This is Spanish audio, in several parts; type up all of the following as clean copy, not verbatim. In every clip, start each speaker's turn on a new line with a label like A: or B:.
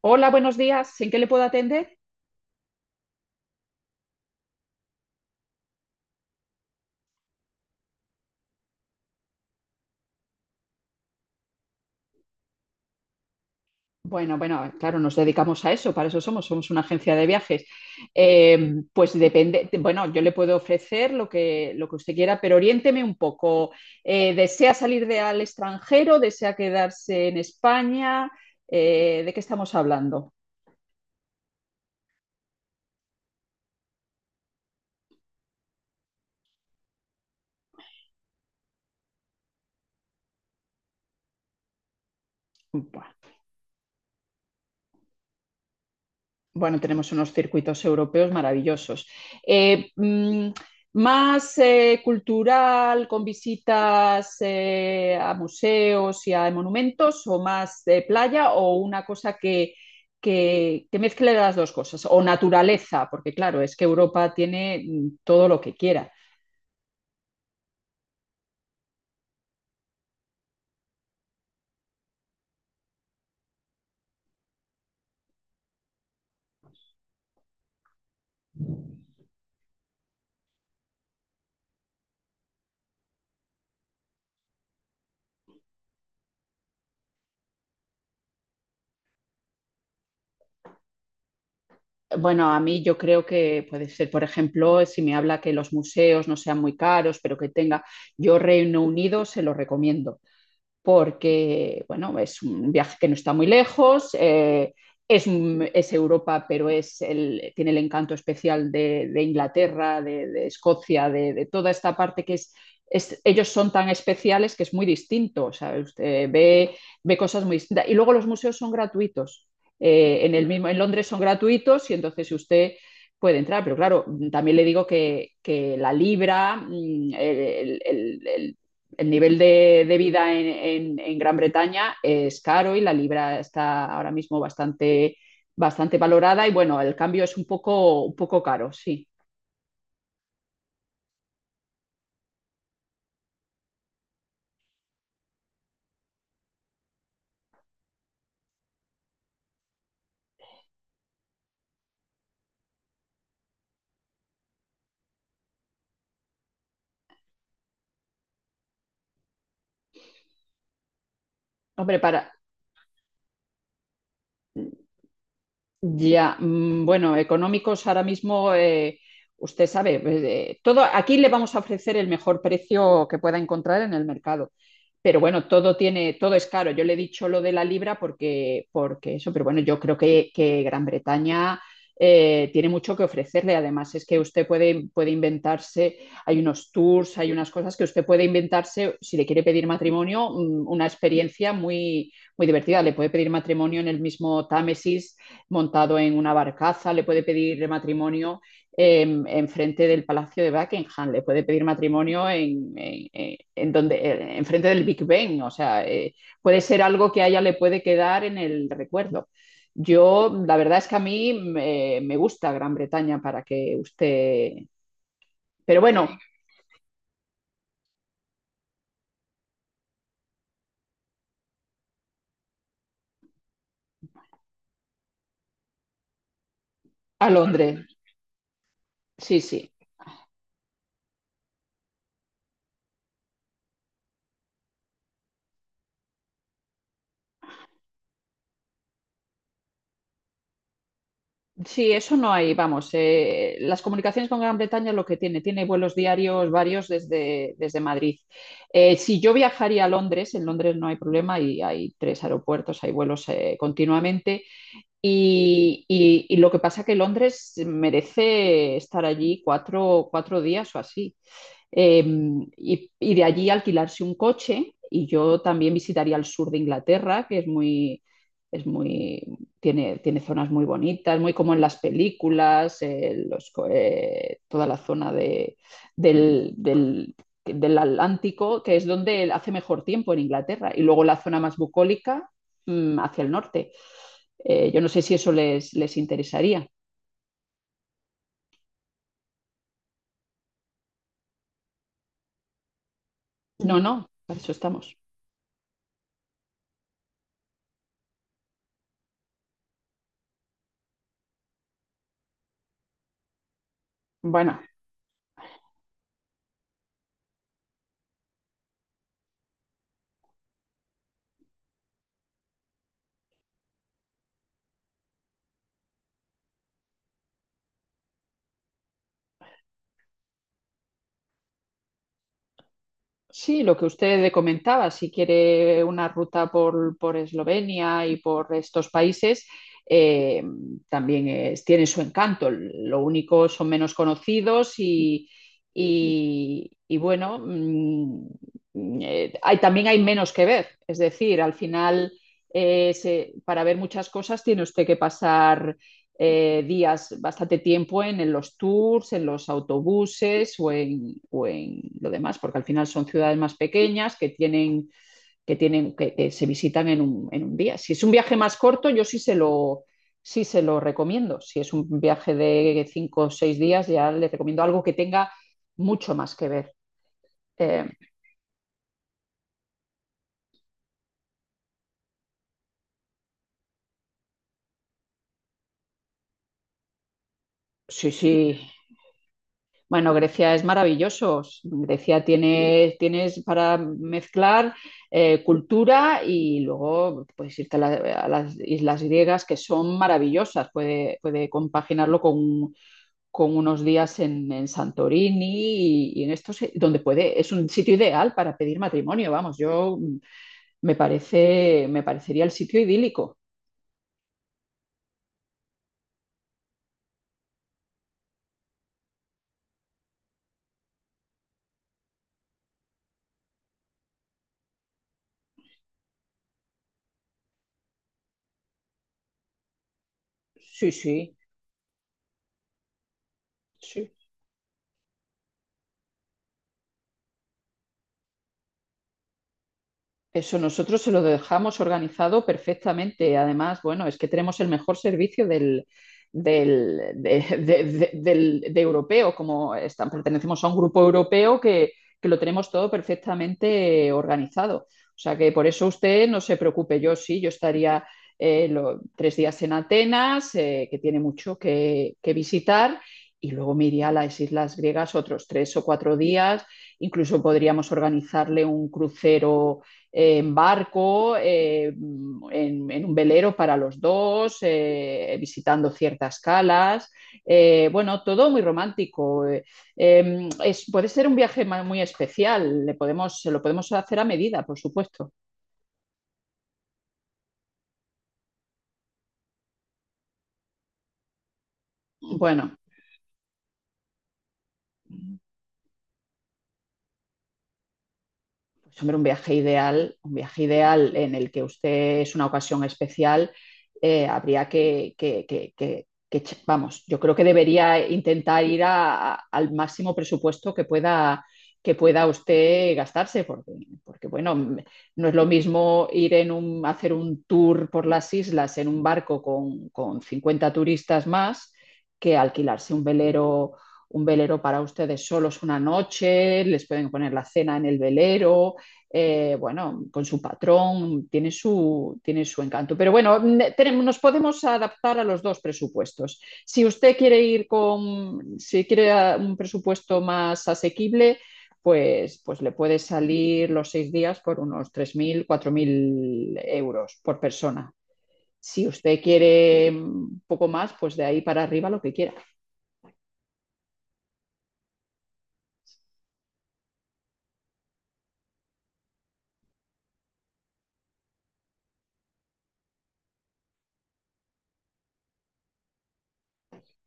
A: Hola, buenos días. ¿En qué le puedo atender? Bueno, bueno, claro, nos dedicamos a eso, para eso somos una agencia de viajes. Pues depende, bueno, yo le puedo ofrecer lo que usted quiera, pero oriénteme un poco. ¿Desea salir al extranjero? ¿Desea quedarse en España? ¿De qué estamos hablando? Bueno, tenemos unos circuitos europeos maravillosos. Eh, mm, Más cultural, con visitas a museos y a monumentos, o más de playa, o una cosa que mezcle las dos cosas, o naturaleza, porque claro, es que Europa tiene todo lo que quiera. Bueno, a mí yo creo que puede ser, por ejemplo, si me habla que los museos no sean muy caros, yo Reino Unido se lo recomiendo porque, bueno, es un viaje que no está muy lejos, es Europa, pero tiene el encanto especial de Inglaterra, de Escocia, de toda esta parte que es, ellos son tan especiales que es muy distinto, o sea, usted ve cosas muy distintas. Y luego los museos son gratuitos, el mismo, en Londres son gratuitos y entonces usted puede entrar, pero claro, también le digo que la libra, el nivel de vida en Gran Bretaña es caro y la libra está ahora mismo bastante valorada y bueno, el cambio es un poco caro, sí. Hombre, ya, bueno, económicos ahora mismo, usted sabe, aquí le vamos a ofrecer el mejor precio que pueda encontrar en el mercado. Pero bueno, todo tiene, todo es caro. Yo le he dicho lo de la libra porque eso, pero bueno, yo creo que Gran Bretaña tiene mucho que ofrecerle. Además, es que usted puede, inventarse, hay unos tours, hay unas cosas que usted puede inventarse, si le quiere pedir matrimonio, una experiencia muy, muy divertida. Le puede pedir matrimonio en el mismo Támesis montado en una barcaza, le puede pedir matrimonio en frente del Palacio de Buckingham, le puede pedir matrimonio en frente del Big Ben, o sea, puede ser algo que a ella le puede quedar en el recuerdo. Yo, la verdad es que a mí me gusta Gran Bretaña para que usted. Pero bueno, a Londres, sí, sí. Sí, eso no hay, vamos, las comunicaciones con Gran Bretaña es lo que tiene, tiene vuelos diarios varios desde Madrid. Si yo viajaría a Londres, en Londres no hay problema y hay tres aeropuertos, hay vuelos continuamente y lo que pasa que Londres merece estar allí cuatro días o así. Eh, y de allí alquilarse un coche y yo también visitaría el sur de Inglaterra, que es muy, tiene zonas muy bonitas, muy como en las películas, toda la zona del, del- del Atlántico, que es donde hace mejor tiempo en Inglaterra, y luego la zona más bucólica, hacia el norte. Yo no sé si eso les interesaría. No, no, para eso estamos. Bueno, sí, lo que usted comentaba, si quiere una ruta por, Eslovenia y por estos países, eh, tiene su encanto. Lo único son menos conocidos y bueno, también hay menos que ver. Es decir, al final, para ver muchas cosas tiene usted que pasar días, bastante tiempo en los tours, en los autobuses o en lo demás, porque al final son ciudades más pequeñas que tienen que se visitan en un día. Si es un viaje más corto, yo sí se lo recomiendo. Si es un viaje de 5 o 6 días, ya les recomiendo algo que tenga mucho más que ver. Eh, sí, sí, bueno, Grecia es maravilloso. Grecia tienes para mezclar cultura y luego puedes irte a las islas griegas que son maravillosas. Puede compaginarlo con unos días en Santorini y en estos, donde es un sitio ideal para pedir matrimonio. Vamos, yo me parecería el sitio idílico. Sí, sí, sí. Eso nosotros se lo dejamos organizado perfectamente. Además, bueno, es que tenemos el mejor servicio del, del- de- del- de europeo, como están, pertenecemos a un grupo europeo que lo tenemos todo perfectamente organizado. O sea que por eso usted no se preocupe, yo estaría 3 días en Atenas, que tiene mucho que visitar, y luego me iría a las islas griegas otros 3 o 4 días. Incluso podríamos organizarle un crucero en barco, en un velero para los dos, visitando ciertas calas. Bueno, todo muy romántico. Puede ser un viaje muy especial, lo podemos hacer a medida, por supuesto. Bueno, pues hombre, un viaje ideal en el que usted es una ocasión especial, habría vamos, yo creo que debería intentar al máximo presupuesto que pueda usted gastarse, porque bueno, no es lo mismo hacer un tour por las islas en un barco con 50 turistas más que alquilarse un velero para ustedes solos una noche, les pueden poner la cena en el velero, bueno, con su patrón, tiene su encanto. Pero bueno, nos podemos adaptar a los dos presupuestos. Si usted quiere ir con, Si quiere un presupuesto más asequible, pues le puede salir los 6 días por unos 3.000 4.000 euros por persona. Si usted quiere un poco más, pues de ahí para arriba lo que quiera.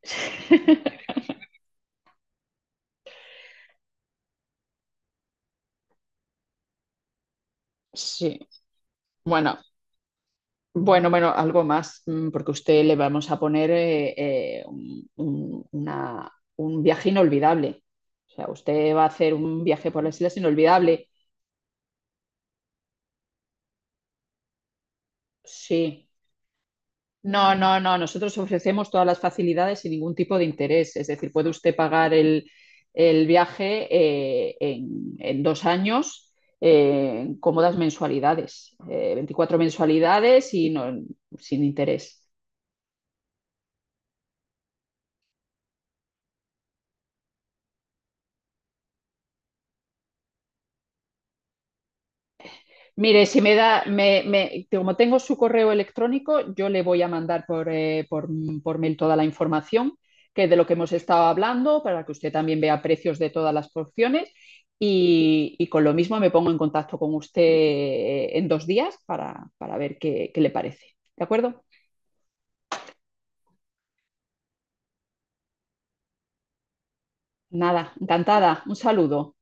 A: Sí. Bueno, bueno, algo más, porque a usted le vamos a poner un viaje inolvidable. O sea, usted va a hacer un viaje por las islas inolvidable. Sí. No, no, no. Nosotros ofrecemos todas las facilidades sin ningún tipo de interés. Es decir, puede usted pagar el viaje en 2 años en cómodas mensualidades, 24 mensualidades y no, sin interés. Mire, si me da, me- como tengo su correo electrónico, yo le voy a mandar por mail toda la información que de lo que hemos estado hablando para que usted también vea precios de todas las porciones y con lo mismo me pongo en contacto con usted en 2 días para ver qué le parece. ¿De acuerdo? Nada, encantada. Un saludo.